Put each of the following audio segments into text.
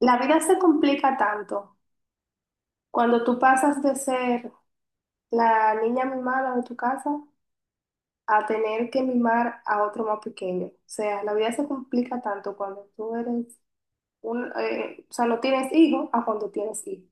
La vida se complica tanto cuando tú pasas de ser la niña mimada de tu casa a tener que mimar a otro más pequeño. O sea, la vida se complica tanto cuando tú eres un, o sea, no tienes hijo a cuando tienes hijo.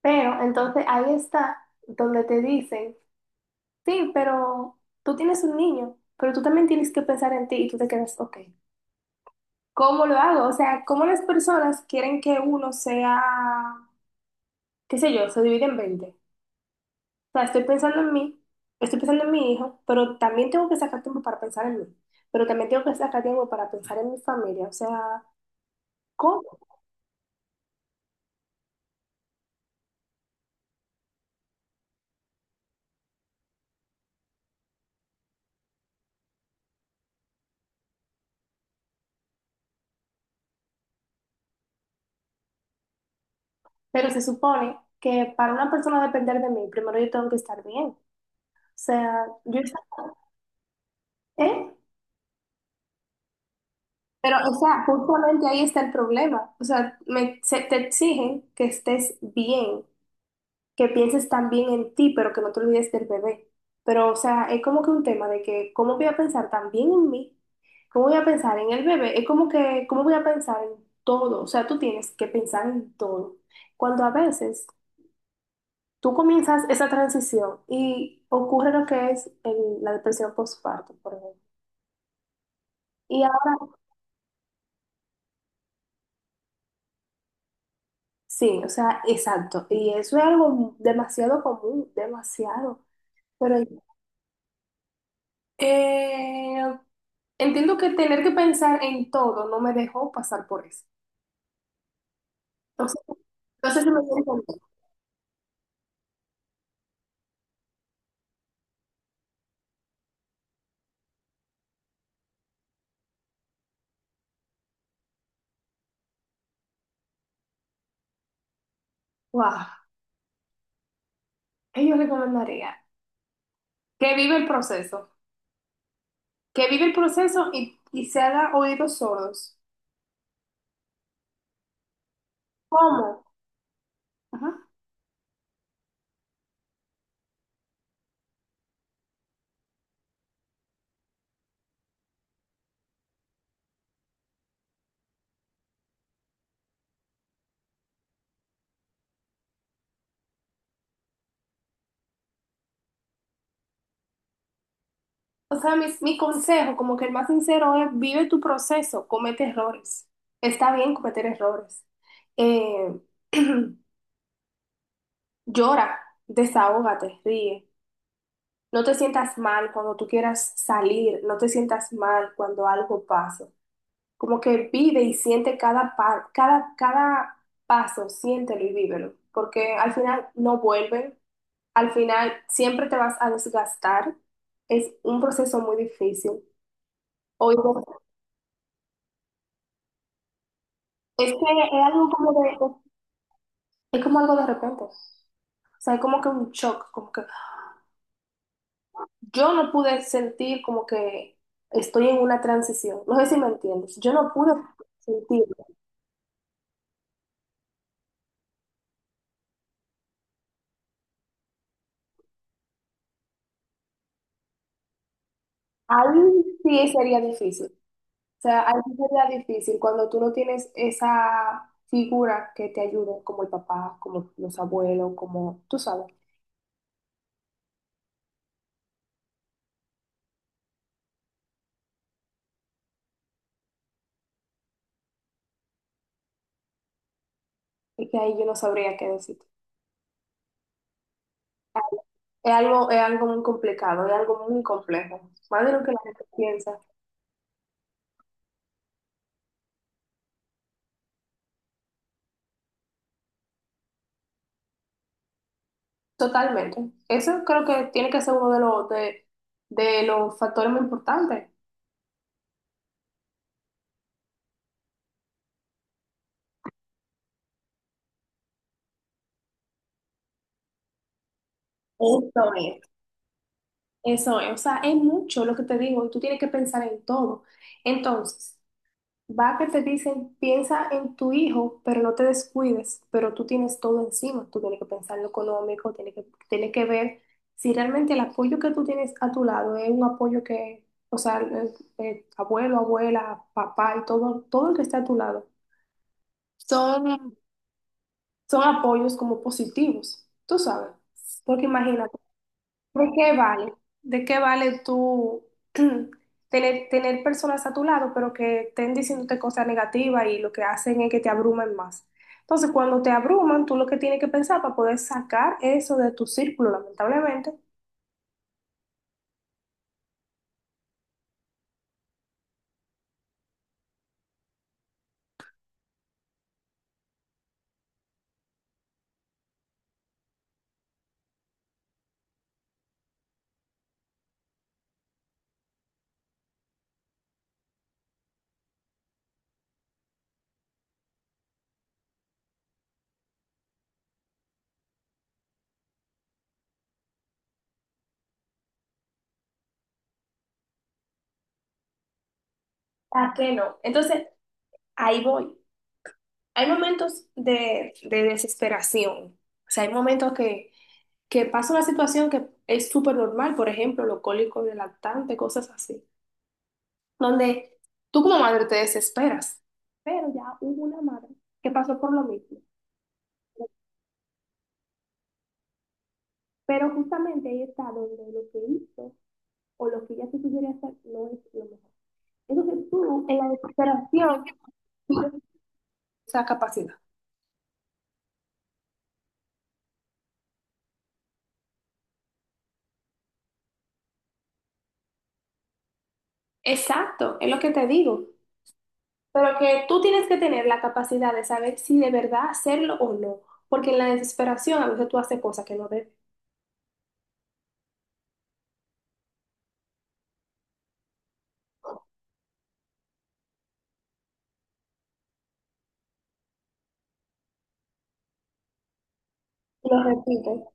Pero entonces ahí está donde te dicen, sí, pero tú tienes un niño, pero tú también tienes que pensar en ti y tú te quedas, ok, ¿cómo lo hago? O sea, ¿cómo las personas quieren que uno sea, qué sé yo, se divide en 20? O sea, estoy pensando en mí, estoy pensando en mi hijo, pero también tengo que sacar tiempo para pensar en mí, pero también tengo que sacar tiempo para pensar en mi familia, o sea, ¿cómo? Pero se supone que para una persona depender de mí, primero yo tengo que estar bien, o sea, yo, ¿eh? Pero, o sea, justamente ahí está el problema, o sea, te exigen que estés bien, que pienses también en ti, pero que no te olvides del bebé. Pero, o sea, es como que un tema de que, ¿cómo voy a pensar también en mí? ¿Cómo voy a pensar en el bebé? Es como que, ¿cómo voy a pensar en todo? O sea, tú tienes que pensar en todo. Cuando a veces tú comienzas esa transición y ocurre lo que es la depresión postparto, por ejemplo. Y ahora, sí, o sea, exacto. Y eso es algo demasiado común, demasiado. Pero Eh, entiendo que tener que pensar en todo no me dejó pasar por eso. Entonces, entonces me voy a entender. Wow, ¿qué yo recomendaría? Que vive el proceso. Que vive el proceso y se haga oídos sordos. ¿Cómo? Ajá. O sea, mi consejo, como que el más sincero es, vive tu proceso, comete errores. Está bien cometer errores. Eh, llora, desahógate, ríe. No te sientas mal cuando tú quieras salir, no te sientas mal cuando algo pase. Como que vive y siente cada paso, siéntelo y vívelo, porque al final no vuelven, al final siempre te vas a desgastar, es un proceso muy difícil. Oye, es que es algo como de, es como algo de repente, o sea, es como que un shock, como que yo no pude sentir como que estoy en una transición, no sé si me entiendes, yo no pude sentirlo, ahí sí sería difícil. O sea, ahí sí sería difícil cuando tú no tienes esa figura que te ayude, como el papá, como los abuelos, como tú sabes. Y que ahí yo no sabría qué decirte. Es algo muy complicado, es algo muy complejo, más de lo que la gente piensa. Totalmente. Eso creo que tiene que ser uno de los factores muy importantes. Eso es. Eso es. O sea, es mucho lo que te digo y tú tienes que pensar en todo. Entonces. Va que te dicen, piensa en tu hijo, pero no te descuides, pero tú tienes todo encima, tú tienes que pensar en lo económico, tienes que ver si realmente el apoyo que tú tienes a tu lado es un apoyo que, o sea, abuelo, abuela, papá y todo, todo el que está a tu lado, son, son apoyos como positivos, tú sabes, porque imagínate. ¿De qué vale? ¿De qué vale tú tener, tener personas a tu lado, pero que estén diciéndote cosas negativas y lo que hacen es que te abrumen más? Entonces, cuando te abruman, tú lo que tienes que pensar para poder sacar eso de tu círculo, lamentablemente. ¿Para qué no? Entonces, ahí voy. Hay momentos de desesperación. O sea, hay momentos que pasa una situación que es súper normal, por ejemplo, los cólicos de lactante, cosas así, donde tú como madre te desesperas. Pero ya hubo una madre que pasó por lo mismo. Pero justamente ahí está donde lo que hizo o lo que ella se pudiera hacer no es lo mejor. Entonces tú, en la desesperación, pierdes esa capacidad. Exacto, es lo que te digo. Pero que tú tienes que tener la capacidad de saber si de verdad hacerlo o no. Porque en la desesperación a veces tú haces cosas que no debes. Lo repito.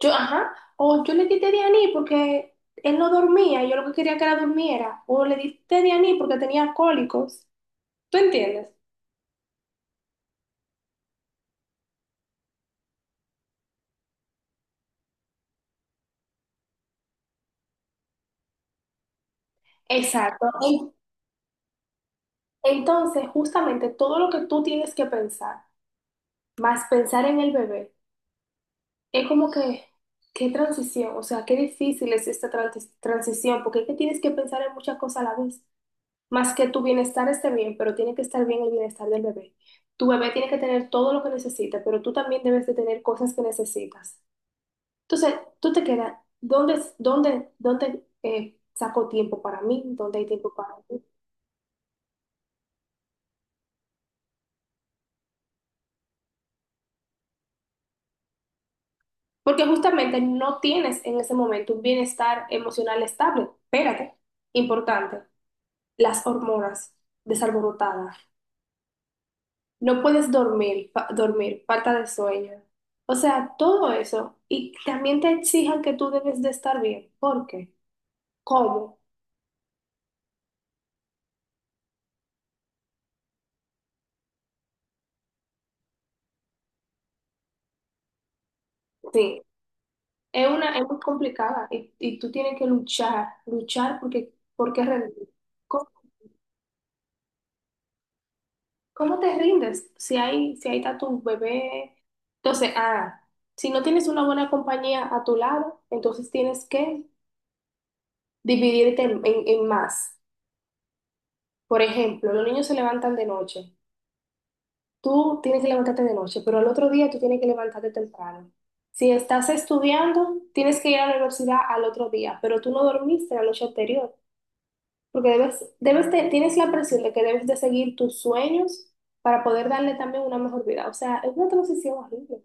Yo, ajá, o yo le di Dianí porque él no dormía, yo lo que quería que era durmiera, o le di Dianí porque tenía cólicos, ¿tú entiendes? Exacto. Entonces, justamente todo lo que tú tienes que pensar, más pensar en el bebé, es como que, qué transición, o sea, qué difícil es esta transición, porque es que tienes que pensar en muchas cosas a la vez, más que tu bienestar esté bien, pero tiene que estar bien el bienestar del bebé. Tu bebé tiene que tener todo lo que necesita, pero tú también debes de tener cosas que necesitas. Entonces, tú te quedas, ¿dónde saco tiempo para mí? ¿Dónde hay tiempo para mí? Porque justamente no tienes en ese momento un bienestar emocional estable. Espérate, importante, las hormonas desalborotadas. No puedes dormir, falta de sueño. O sea, todo eso. Y también te exijan que tú debes de estar bien. ¿Por qué? ¿Cómo? Sí. Es una, es muy complicada y tú tienes que luchar, luchar porque, porque rendir. ¿Cómo te rindes si hay, si ahí está tu bebé? Entonces, ah, si no tienes una buena compañía a tu lado, entonces tienes que dividirte en más. Por ejemplo, los niños se levantan de noche. Tú tienes que levantarte de noche, pero al otro día tú tienes que levantarte temprano. Si estás estudiando, tienes que ir a la universidad al otro día, pero tú no dormiste la noche anterior, porque tienes la presión de que debes de seguir tus sueños para poder darle también una mejor vida. O sea, es una transición horrible.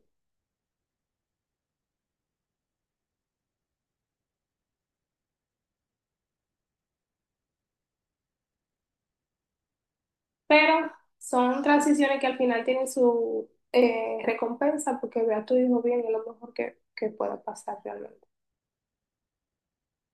Pero son transiciones que al final tienen su recompensa porque ve a tu hijo bien y es lo mejor que pueda pasar realmente.